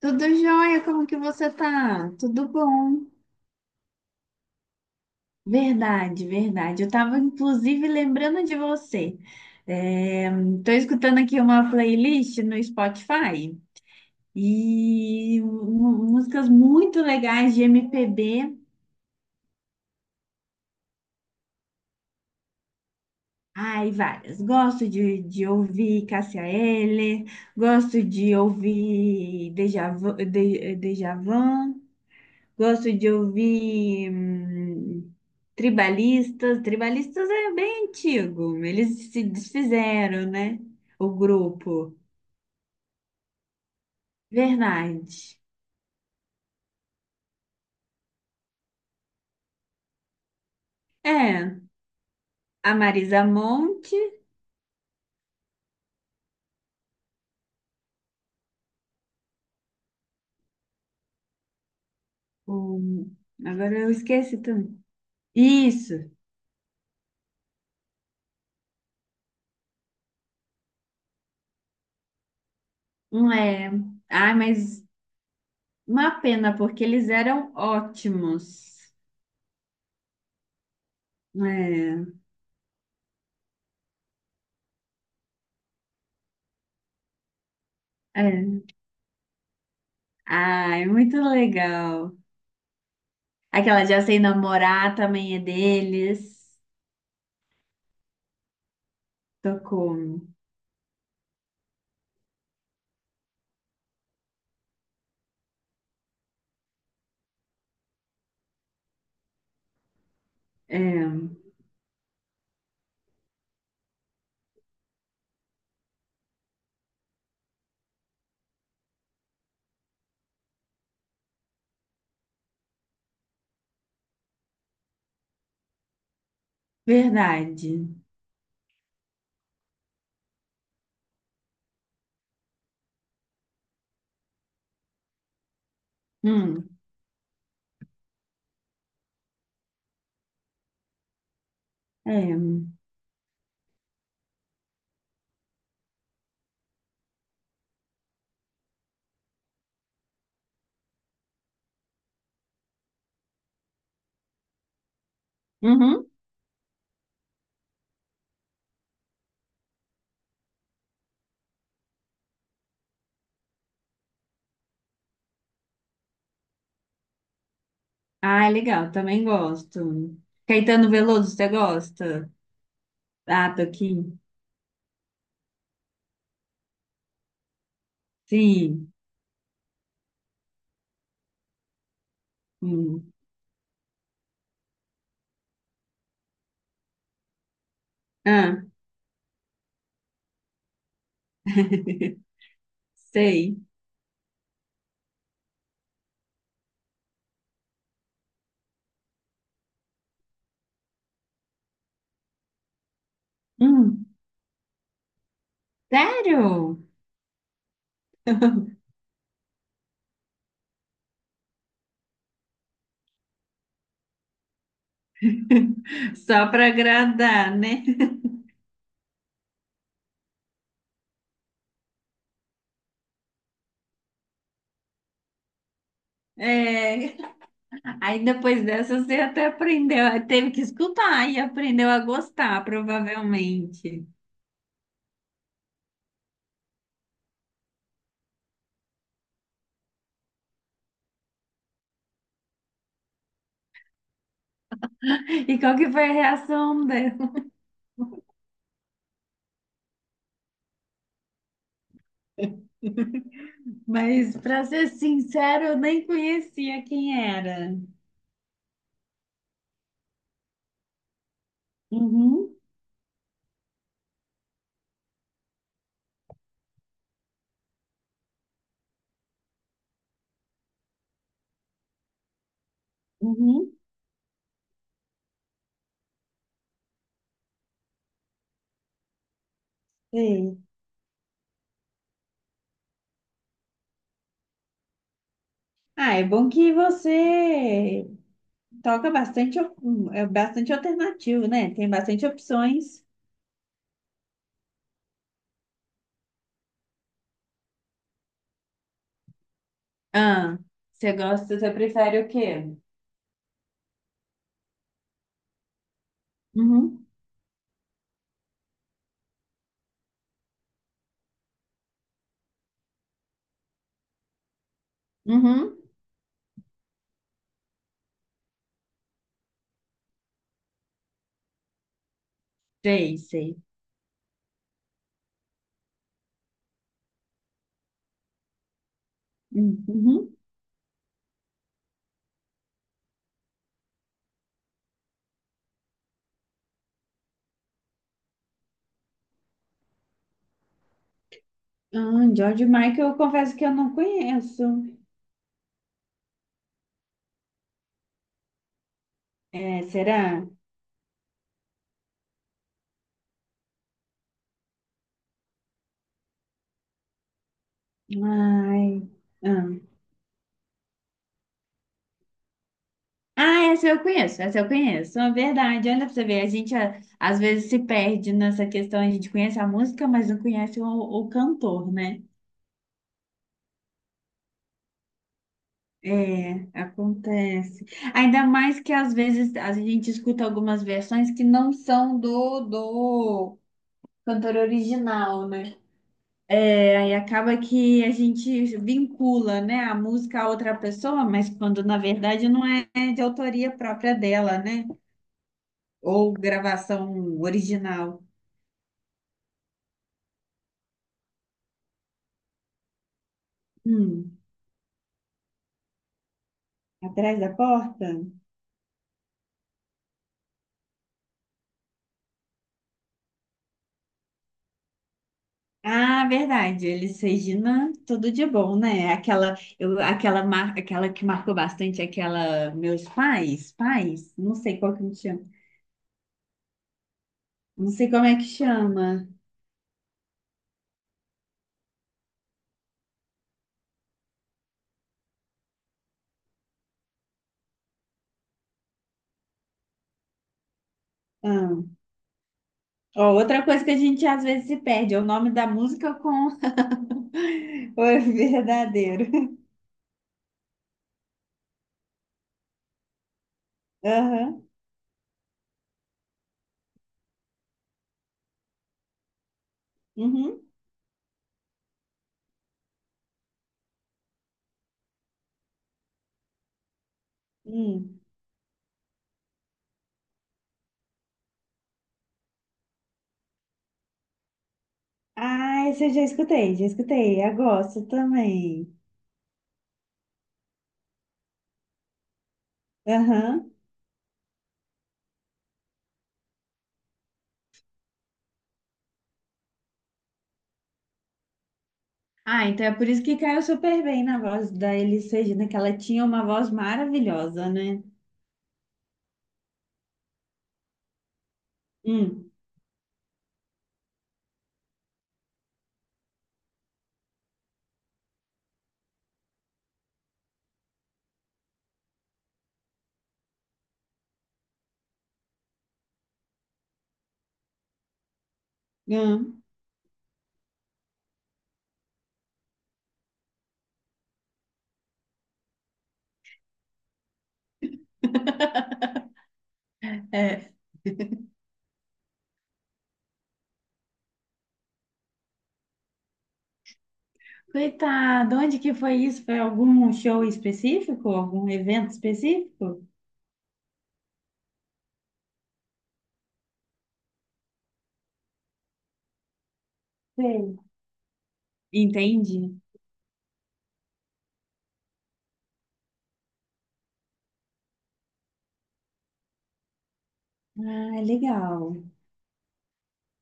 Tudo jóia, como que você tá? Tudo bom? Verdade. Eu tava inclusive lembrando de você. É, Tô escutando aqui uma playlist no Spotify e músicas muito legais de MPB. Ai, várias. Gosto de ouvir Cássia Eller, gosto de ouvir Djavan, gosto de ouvir tribalistas. Tribalistas é bem antigo. Eles se desfizeram, né? O grupo. Verdade. É, a Marisa Monte. o- Agora eu esqueci também. Isso. Não é. Ah, mas uma pena, porque eles eram ótimos. É, é. Ah, é muito legal. Legal. Aquela Já Sei Namorar também é deles. Tocou. É, verdade. Hum, é. Uhum. Ah, é legal, também gosto. Caetano Veloso, você gosta? Ah, tô aqui. Sim. Hum. Ah, sei. Hum, sério? Só pra agradar, né? É. Aí depois dessa você até aprendeu, teve que escutar e aprendeu a gostar, provavelmente. E qual que foi a reação dela? Mas, para ser sincero, eu nem conhecia quem era. Uhum, uhum, sei. Ah, é bom que você toca bastante, é bastante alternativo, né? Tem bastante opções. Ah, você gosta, você prefere o quê? Uhum, uhum, sei, sei. Uhum. Ah, George Michael, eu confesso que eu não conheço. É, será? Ai, ah. Ah, essa eu conheço, essa eu conheço. É verdade. Olha pra você ver, a gente às vezes se perde nessa questão. A gente conhece a música, mas não conhece o cantor, né? É, acontece. Ainda mais que às vezes a gente escuta algumas versões que não são do cantor original, né? É, aí acaba que a gente vincula, né, a música a outra pessoa, mas quando na verdade não é de autoria própria dela, né? Ou gravação original. Hum, atrás da porta? Ah, verdade. Eles Regina, tudo de bom, né? Aquela que marcou bastante, aquela meus pais, não sei qual que me chama, não sei como é que chama. Ah, ó, outra coisa que a gente às vezes se perde é o nome da música com o verdadeiro. Aham, uhum, hum. Ah, esse eu já escutei, já escutei. Eu gosto também. Aham. Ah, então é por isso que caiu super bem na voz da Elis Regina, que ela tinha uma voz maravilhosa, né? Hum, hum, é. Coitado, onde que foi isso? Foi algum show específico? Algum evento específico? Sei. Entendi. Ah, legal.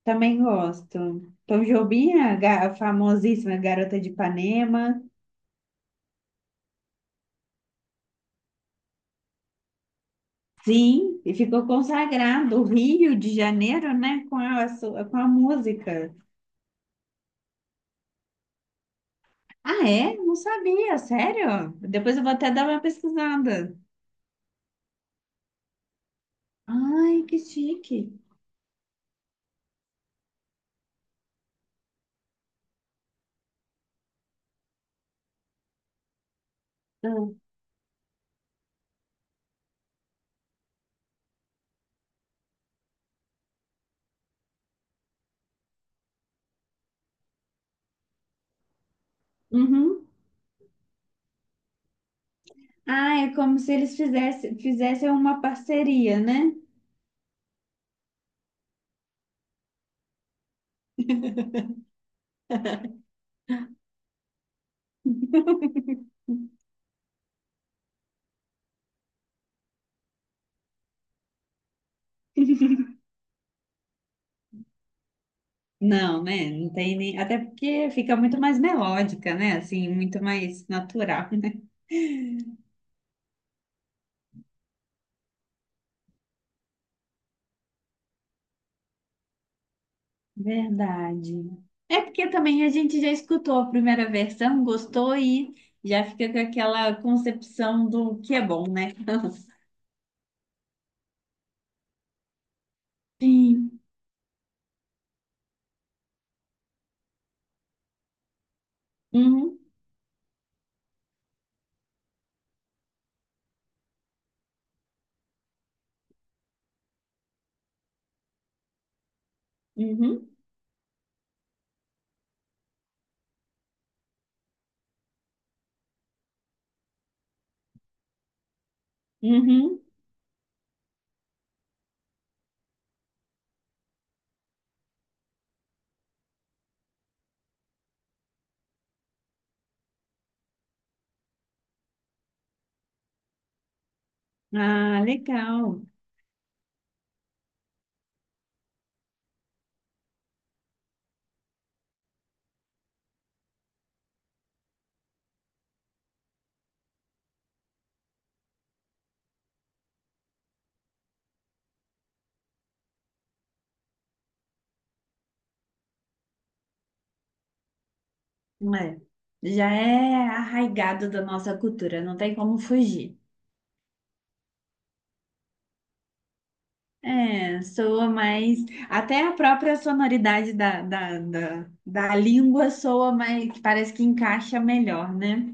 Também gosto. Tom Jobim, a famosíssima Garota de Ipanema. Sim, e ficou consagrado o Rio de Janeiro, né? Com a, com a música. Ah, é? Não sabia, sério? Depois eu vou até dar uma pesquisada. Ai, que chique. Ah, uhum. Ah, é como se eles fizessem uma parceria, né? Não, né? Não tem nem. Até porque fica muito mais melódica, né? Assim, muito mais natural, né? Verdade. É porque também a gente já escutou a primeira versão, gostou e já fica com aquela concepção do que é bom, né? Sim. Uhum, uhum, uhum. Ah, legal. É. Já é arraigado da nossa cultura, não tem como fugir. É, soa mais. Até a própria sonoridade da língua soa mais, que parece que encaixa melhor, né?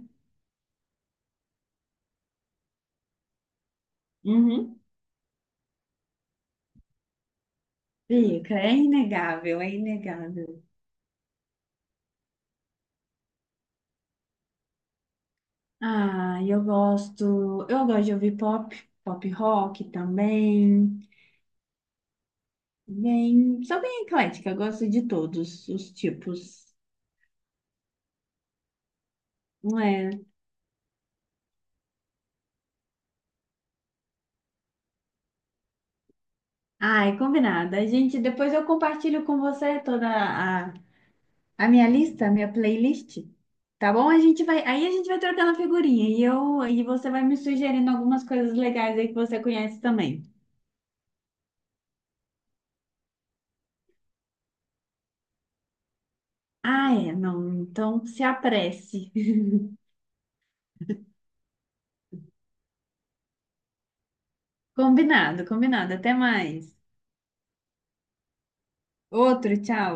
Uhum. Fica, é inegável, é inegável. Ah, eu gosto de ouvir pop, pop rock também. Bem, sou bem eclética, gosto de todos os tipos. É. Ai, combinado. A gente, depois eu compartilho com você toda a, a minha lista, a minha playlist. Tá bom? A gente vai, aí a gente vai trocando figurinha e eu e você vai me sugerindo algumas coisas legais aí que você conhece também. Ah, é, não. Então se apresse. Combinado, combinado. Até mais. Outro, tchau.